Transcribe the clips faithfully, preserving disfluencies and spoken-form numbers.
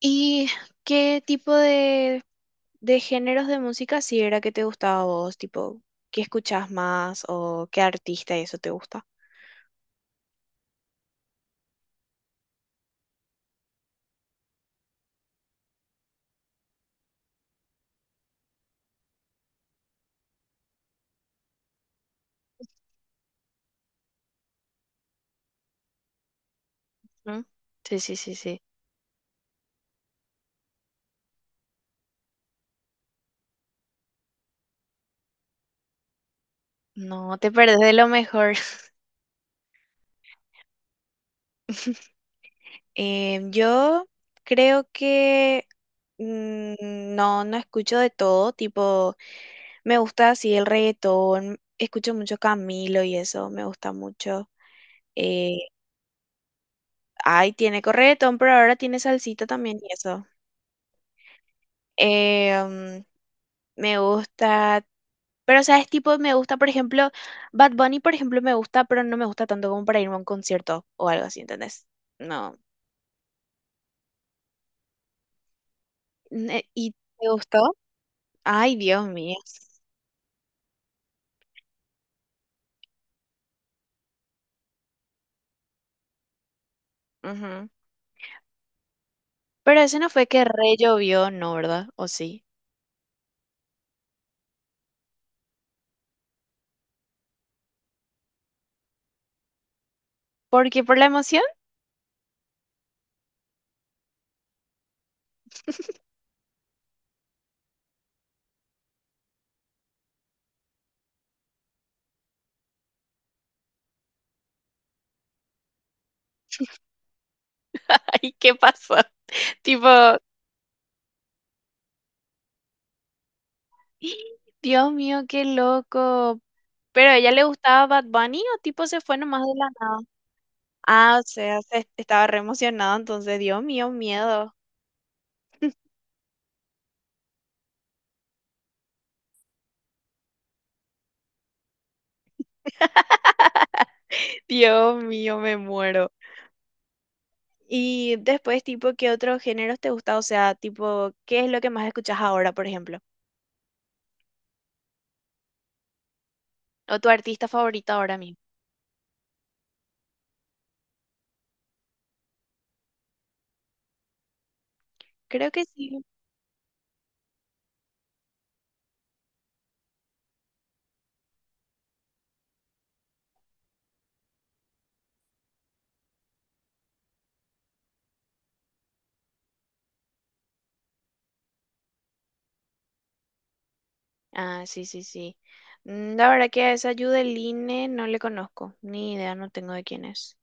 ¿Y qué tipo de, de géneros de música sí era que te gustaba a vos? Tipo, ¿qué escuchás más o qué artista y eso te gusta? ¿Mm? Sí, sí, sí, sí. No, te perdés de lo mejor. Eh, yo creo que mm, no, no escucho de todo, tipo, me gusta así el reggaetón, escucho mucho Camilo y eso, me gusta mucho. Eh, ay, tiene corretón, pero ahora tiene salsita también y eso. Eh, mm, me gusta, pero sabes, tipo, me gusta, por ejemplo, Bad Bunny, por ejemplo, me gusta, pero no me gusta tanto como para irme a un concierto o algo así, ¿entendés? No. Ne- ¿Y te gustó? Ay, Dios mío. Ujú. Pero eso no fue que re llovió, no, ¿verdad? ¿O sí? Porque por la emoción. Ay, ¿qué pasó? Tipo, "Ih, Dios mío, qué loco". ¿Pero a ella le gustaba Bad Bunny o tipo se fue nomás de la nada? Ah, o sea, se estaba re emocionado, entonces, Dios mío, miedo. Dios mío, me muero. Y después, tipo, ¿qué otros géneros te gusta? O sea, tipo, ¿qué es lo que más escuchas ahora, por ejemplo? ¿O tu artista favorita ahora mismo? Creo que sí. Ah, sí, sí, sí. Mm, la verdad que a esa Yudeline no le conozco, ni idea, no tengo de quién es.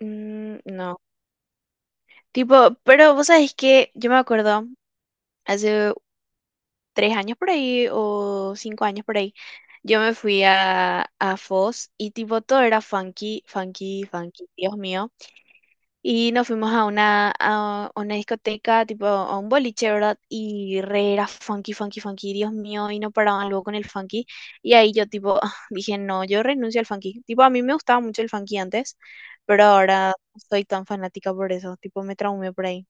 Mm, no. Tipo, pero vos sabés que yo me acuerdo hace tres años por ahí o cinco años por ahí, yo me fui a, a Foz y tipo todo era funky, funky, funky, Dios mío. Y nos fuimos a una, a una discoteca, tipo a un boliche, ¿verdad? Y re era funky, funky, funky, Dios mío, y no paraban luego con el funky. Y ahí yo tipo ah, dije, no, yo renuncio al funky. Tipo, a mí me gustaba mucho el funky antes, pero ahora no soy tan fanática por eso, tipo me traumé por ahí.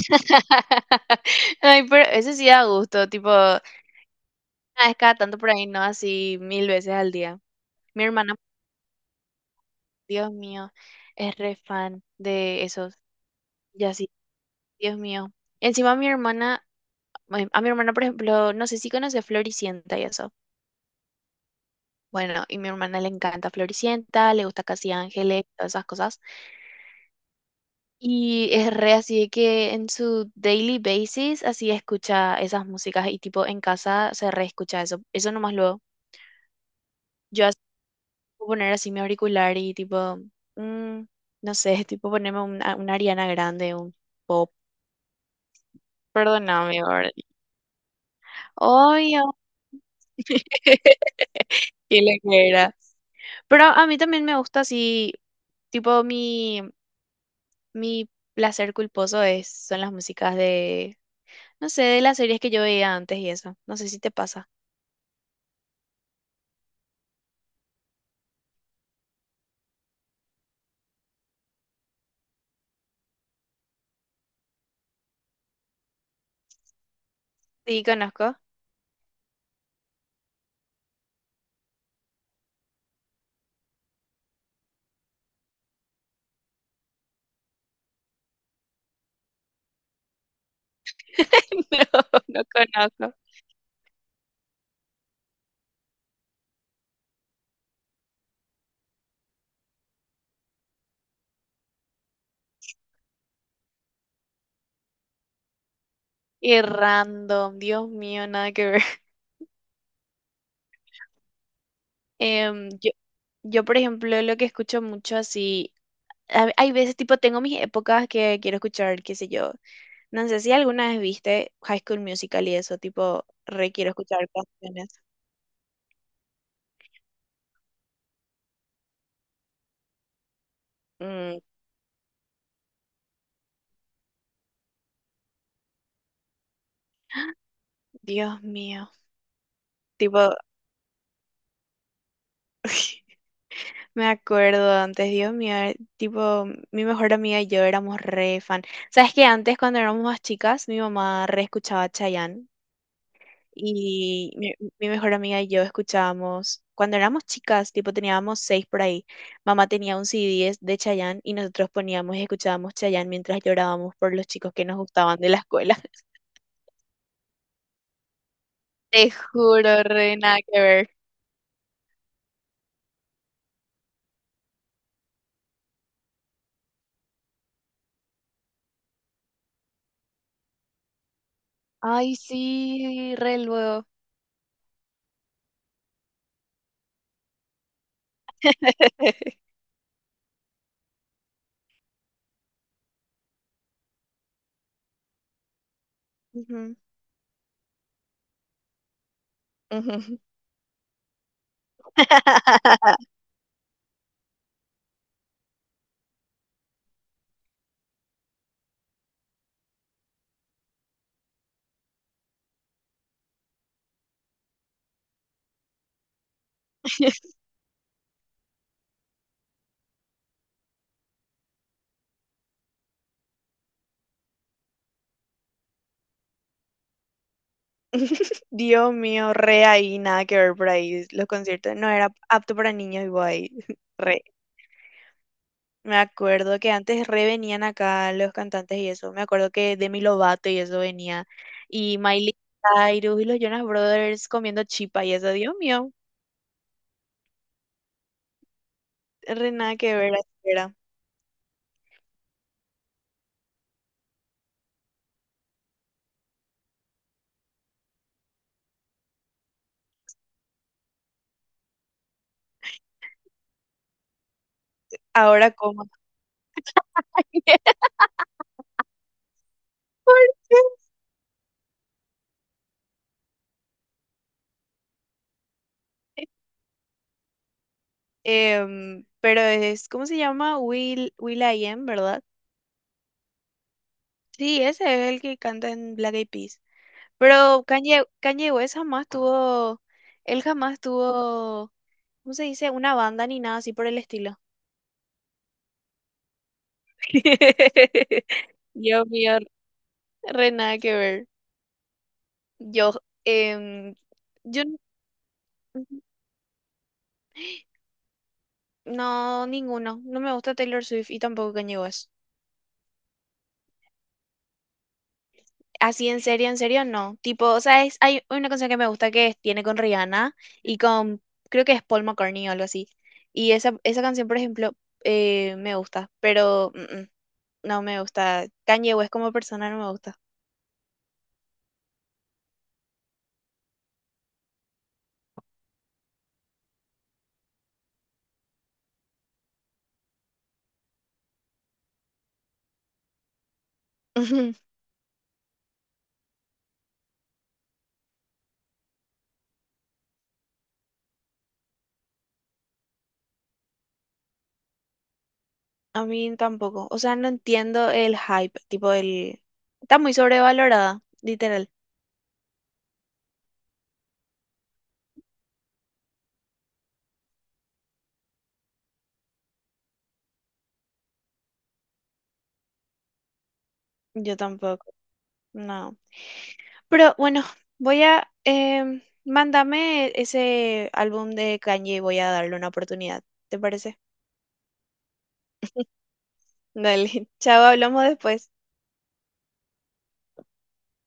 Ay, pero eso sí da gusto, tipo, una vez cada tanto por ahí, no así mil veces al día. Mi hermana, Dios mío, es re fan de esos. Ya así, Dios mío. Encima mi hermana, bueno, a mi hermana, por ejemplo, no sé si conoce Floricienta y eso. Bueno, y mi hermana le encanta Floricienta, le gusta Casi Ángeles, todas esas cosas. Y es re así de que en su daily basis así escucha esas músicas y tipo en casa se re escucha eso. Eso nomás luego. Yo así puedo poner así mi auricular y tipo, mm, no sé, tipo ponerme una, una Ariana Grande, un pop. Perdóname, ¿verdad? Obvio. ¿Qué le era? Pero a mí también me gusta así, tipo mi, mi placer culposo es, son las músicas de, no sé, de las series que yo veía antes y eso. No sé si te pasa. Sí, conozco. No, no conozco. Y random, Dios mío, nada que ver. Em, yo, yo, por ejemplo, lo que escucho mucho así, a- hay veces tipo, tengo mis épocas que quiero escuchar, qué sé yo. No sé si alguna vez viste High School Musical y eso, tipo, re quiero escuchar canciones. Mm. Dios mío. Tipo, me acuerdo antes, Dios mío, eh, tipo, mi mejor amiga y yo éramos re fan. ¿Sabes que antes, cuando éramos más chicas, mi mamá re escuchaba Chayanne? Y mi, mi mejor amiga y yo escuchábamos, cuando éramos chicas, tipo teníamos seis por ahí, mamá tenía un C CD de Chayanne y nosotros poníamos y escuchábamos Chayanne mientras llorábamos por los chicos que nos gustaban de la escuela. Te juro, re nada que ver. Ay, sí, re luego. Ujú, ujú. Dios mío, re ahí, nada que ver por ahí. Los conciertos no era apto para niños y guay. Re. Me acuerdo que antes re venían acá los cantantes y eso. Me acuerdo que Demi Lovato y eso venía. Y Miley Cyrus y los Jonas Brothers comiendo chipa y eso. Dios mío, re nada que ver así era. Ahora como. ¿Por qué? Em, pero es, ¿cómo se llama? Will, Will.i.am, ¿verdad? Sí, ese es el que canta en Black Eyed Peas. Pero Kanye, Kanye West jamás tuvo, él jamás tuvo, ¿cómo se dice? Una banda ni nada así por el estilo. Dios mío, re nada que ver. Yo, em, yo n- no, ninguno. No me gusta Taylor Swift y tampoco Kanye West. Así en serio, en serio, no. Tipo, o sea, es- hay una canción que me gusta que es- tiene con Rihanna y con, creo que es Paul McCartney o algo así. Y esa, esa canción, por ejemplo, eh, me gusta, pero mm, mm, no me gusta. Kanye West como persona no me gusta. Ujú. A mí tampoco. O sea, no entiendo el hype, tipo el... Está muy sobrevalorada, literal. Yo tampoco. No. Pero bueno, voy a... em, mándame ese álbum de Kanye y voy a darle una oportunidad. ¿Te parece? Dale, chao, hablamos después.